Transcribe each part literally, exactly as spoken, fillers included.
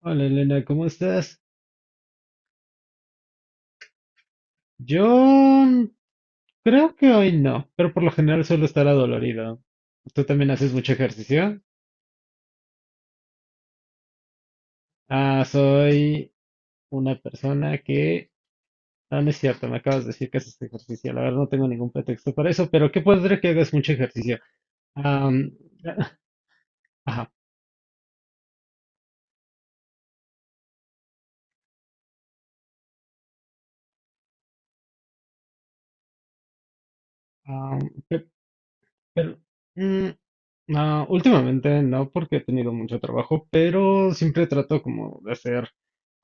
Hola Elena, ¿cómo estás? Yo creo que hoy no, pero por lo general suelo estar adolorido. ¿Tú también haces mucho ejercicio? Ah, soy una persona que... No, no es cierto, me acabas de decir que haces ejercicio. La verdad no tengo ningún pretexto para eso, pero qué padre que hagas mucho ejercicio. Am, ajá, am, Pero, mm, no, últimamente no, porque he tenido mucho trabajo, pero siempre trato como de hacer,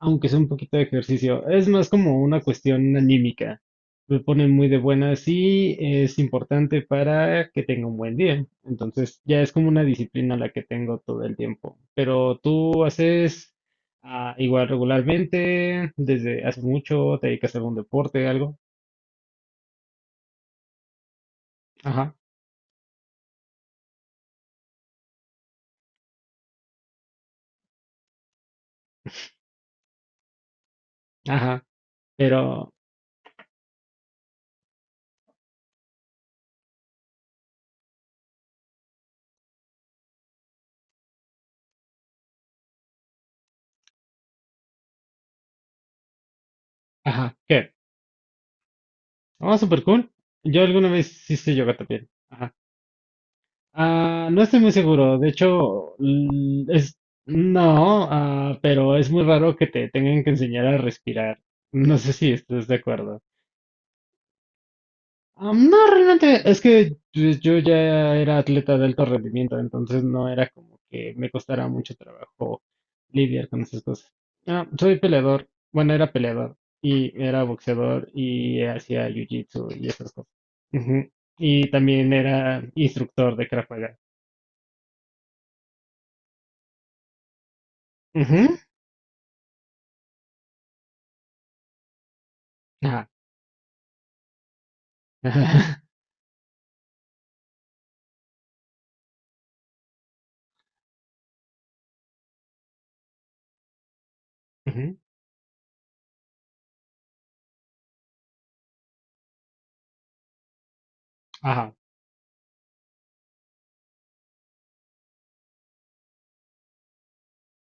aunque sea un poquito de ejercicio. Es más como una cuestión anímica. Me pone muy de buenas y es importante para que tenga un buen día. Entonces, ya es como una disciplina la que tengo todo el tiempo. Pero tú haces ah, igual regularmente, desde hace mucho, te dedicas a algún deporte, algo. Ajá, ajá, pero, ajá, ¿qué? Ah, súper cool. Yo alguna vez sí hice yoga también. Ajá. Ah, no estoy muy seguro. De hecho, l- es, no, ah, pero es muy raro que te tengan que enseñar a respirar. No sé si estás de acuerdo. Am, No, realmente es que pues, yo ya era atleta de alto rendimiento, entonces no era como que me costara mucho trabajo lidiar con esas cosas. Ah, soy peleador, bueno, era peleador y era boxeador y hacía jiu-jitsu y esas cosas. Ujú. Y también era instructor de Krav Maga. Ujú. Ajá. Ujú. Ajá.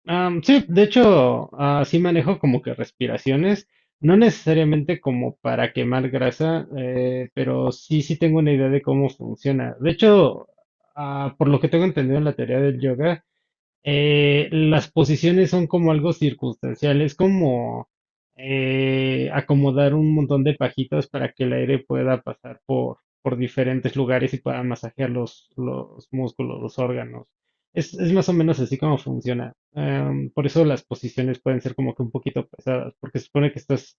Am, sí, de hecho, ah, sí manejo como que respiraciones, no necesariamente como para quemar grasa, eh, pero sí, sí tengo una idea de cómo funciona. De hecho, ah, por lo que tengo entendido en la teoría del yoga, eh, las posiciones son como algo circunstancial, es como eh, acomodar un montón de pajitas para que el aire pueda pasar por, por diferentes lugares y pueda masajear los, los músculos, los órganos. Es, es más o menos así como funciona. Em, por eso las posiciones pueden ser como que un poquito pesadas, porque se supone que estás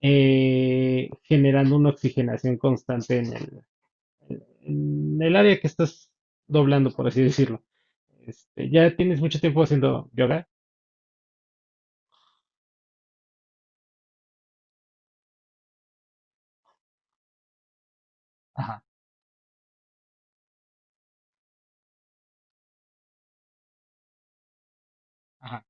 eh, generando una oxigenación constante en el, en el área que estás doblando, por así decirlo. Este, ¿ya tienes mucho tiempo haciendo yoga? Ajá, ajá.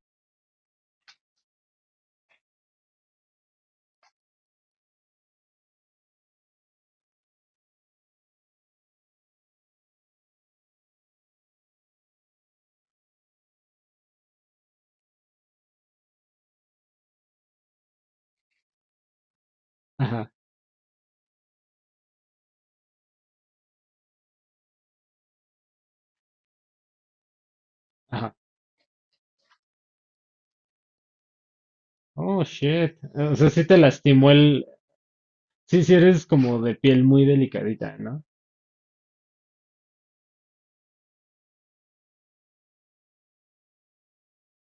Ajá, ajá. Oh, shit. O sea, sí te lastimó el... Sí, sí eres como de piel muy delicadita, ¿no?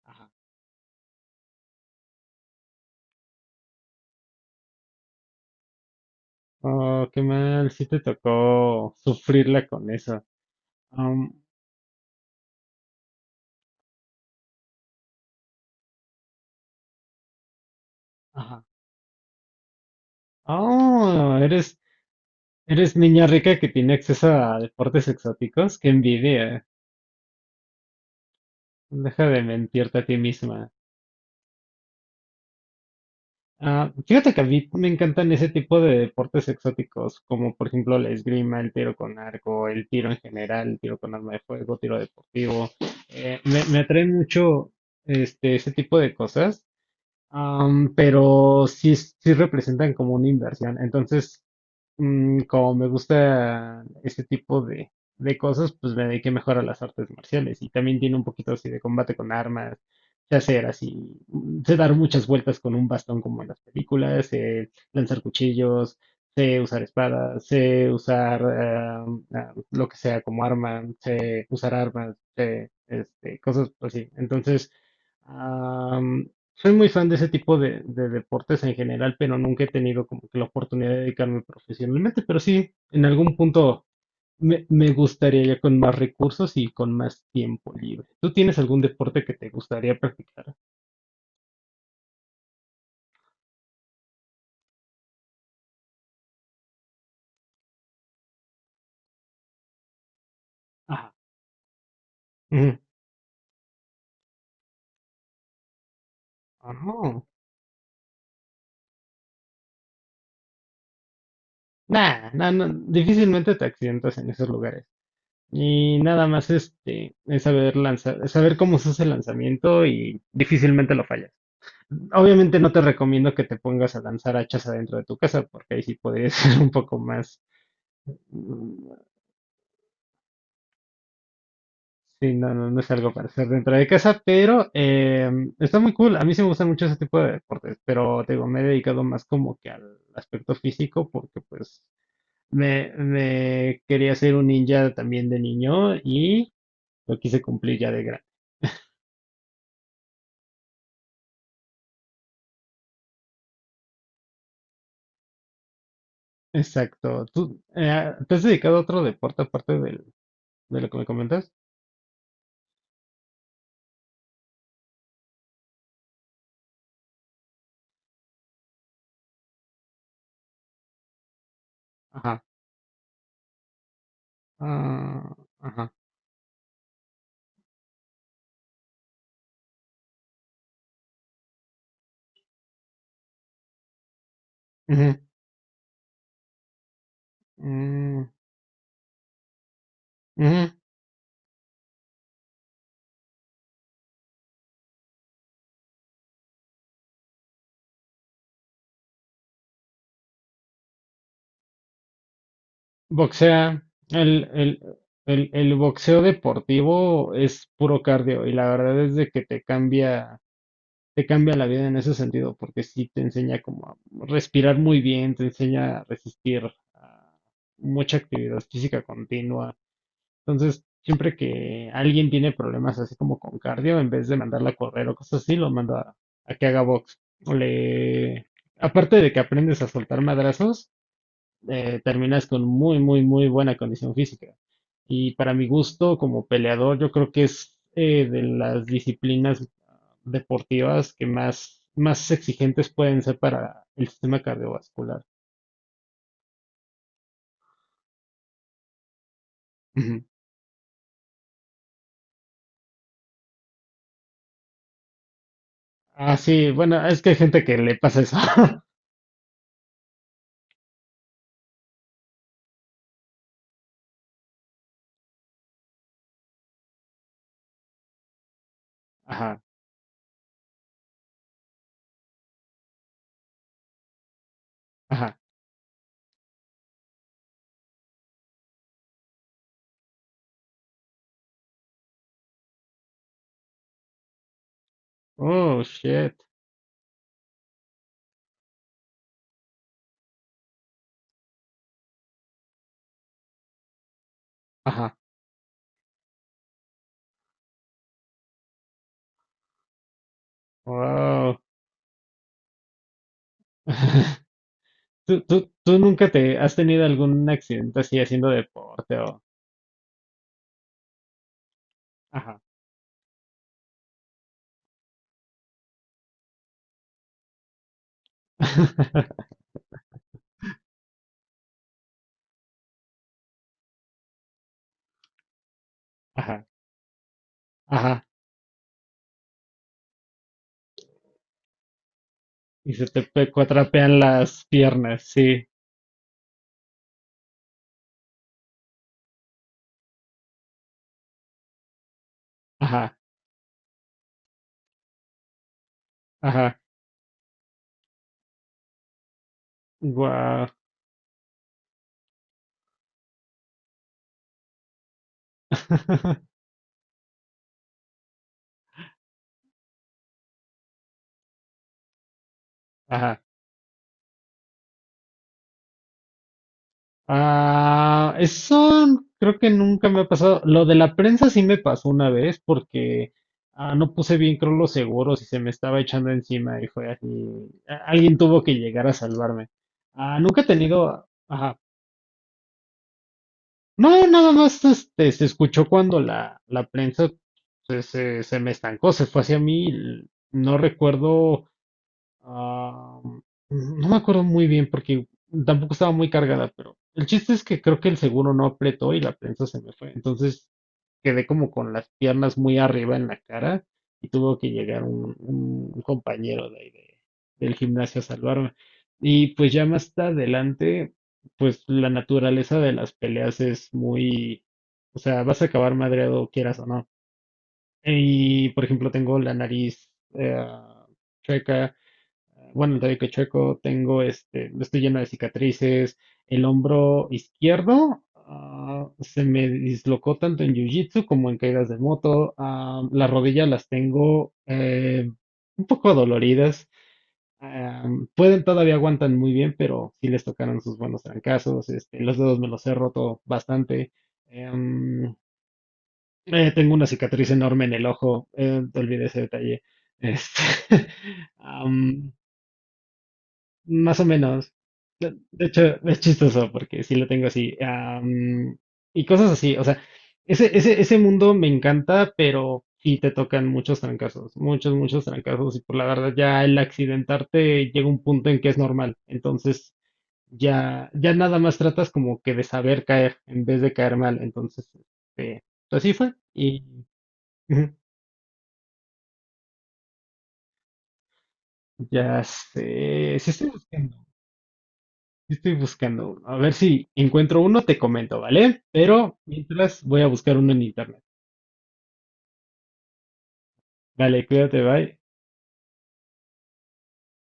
Ajá. Oh, qué mal, sí te tocó sufrirla con eso. Um, ajá. Oh, eres, eres niña rica que tiene acceso a deportes exóticos. Qué envidia. Deja de mentirte a ti misma. Ah, fíjate que a mí me encantan ese tipo de deportes exóticos, como por ejemplo la esgrima, el tiro con arco, el tiro en general, el tiro con arma de fuego, tiro deportivo. Eh, me, me atraen mucho este, ese tipo de cosas, am, pero sí, sí representan como una inversión. Entonces, Mm, como me gusta ese tipo de, de cosas, pues me dediqué mejor a las artes marciales y también tiene un poquito así de combate con armas, sé hacer así, mm, sé dar muchas vueltas con un bastón como en las películas, sé lanzar cuchillos, sé usar espadas, sé usar ah, ah, lo que sea como arma, sé usar armas, sé, este, cosas así. Entonces, soy muy fan de ese tipo de, de deportes en general, pero nunca he tenido como que la oportunidad de dedicarme profesionalmente. Pero sí, en algún punto me, me gustaría ya con más recursos y con más tiempo libre. ¿Tú tienes algún deporte que te gustaría practicar? Ajá. Ujú. Ah, no. Nah, nah, no, difícilmente te accidentas en esos lugares. Y nada más este, es saber lanzar, es saber cómo se hace el lanzamiento y difícilmente lo fallas. Obviamente no te recomiendo que te pongas a lanzar hachas adentro de tu casa, porque ahí sí podría ser un poco más... mm, Sí, no, no, no es algo para hacer dentro de casa, pero eh, está muy cool. A mí sí me gustan mucho ese tipo de deportes, pero te digo, me he dedicado más como que al aspecto físico, porque pues me, me quería ser un ninja también de niño y lo quise cumplir ya de grande. Exacto. ¿Tú eh, te has dedicado a otro deporte aparte del- de lo que me comentas? Ajá. Ah, ajá. Ujú. Mm, ujú. Boxea. El, el, el, el boxeo deportivo es puro cardio y la verdad es de que te cambia, te cambia la vida en ese sentido, porque sí te enseña como a respirar muy bien, te enseña a resistir a mucha actividad física continua. Entonces, siempre que alguien tiene problemas así como con cardio, en vez de mandarla a correr o cosas así, lo manda a que haga box. O le... Aparte de que aprendes a soltar madrazos, eh, terminas con muy, muy, muy buena condición física. Y para mi gusto, como peleador, yo creo que es eh, de las disciplinas deportivas que más, más exigentes pueden ser para el sistema cardiovascular. Ujú. Ah, sí, bueno, es que hay gente que le pasa eso. Ajá, ajá. Oh, shit. Ajá. Wow. ¿Tú, tú, tú nunca te has tenido algún accidente así haciendo deporte o... Ajá. Ajá. Ajá. Y se te pe- cuatrapean las piernas, sí. Ajá, ajá. Guau. Ajá. Ah, eso creo que nunca me ha pasado. Lo de la prensa sí me pasó una vez porque ah, no puse bien creo los seguros y se me estaba echando encima y fue así. a- Alguien tuvo que llegar a salvarme. Ah, nunca he tenido. Ajá. No, nada más este, se escuchó cuando la, la prensa se, se, se me estancó, se fue hacia mí. y No recuerdo. Ah, no me acuerdo muy bien porque tampoco estaba muy cargada, pero el chiste es que creo que el seguro no apretó y la prensa se me fue. Entonces quedé como con las piernas muy arriba en la cara y tuvo que llegar un, un compañero de ahí de- del gimnasio a salvarme. Y pues ya más adelante, pues la naturaleza de las peleas es muy, o sea, vas a acabar madreado quieras o no. Y por ejemplo, tengo la nariz eh, chueca bueno, el tobillo que chueco, tengo este, estoy lleno de cicatrices, el hombro izquierdo ah, se me dislocó tanto en jiu-jitsu como en caídas de moto, ah, las rodillas las tengo eh, un poco doloridas, ah, pueden todavía aguantan muy bien, pero sí les tocaron sus buenos trancazos, este, los dedos me los he roto bastante, em, eh, tengo una cicatriz enorme en el ojo, eh, te olvidé ese detalle. Este, am, más o menos. De de hecho, es chistoso porque sí lo tengo así. Am, y cosas así. O sea, ese, ese, ese mundo me encanta, pero sí te tocan muchos trancazos. Muchos, muchos trancazos. Y por la verdad, ya el accidentarte llega un punto en que es normal. Entonces, ya, ya nada más tratas como que de saber caer en vez de caer mal. Entonces, este, así fue. Y ujú, ya sé. Sí estoy buscando. Estoy buscando uno. A ver si encuentro uno, te comento, ¿vale? Pero mientras voy a buscar uno en internet. Vale, cuídate, bye.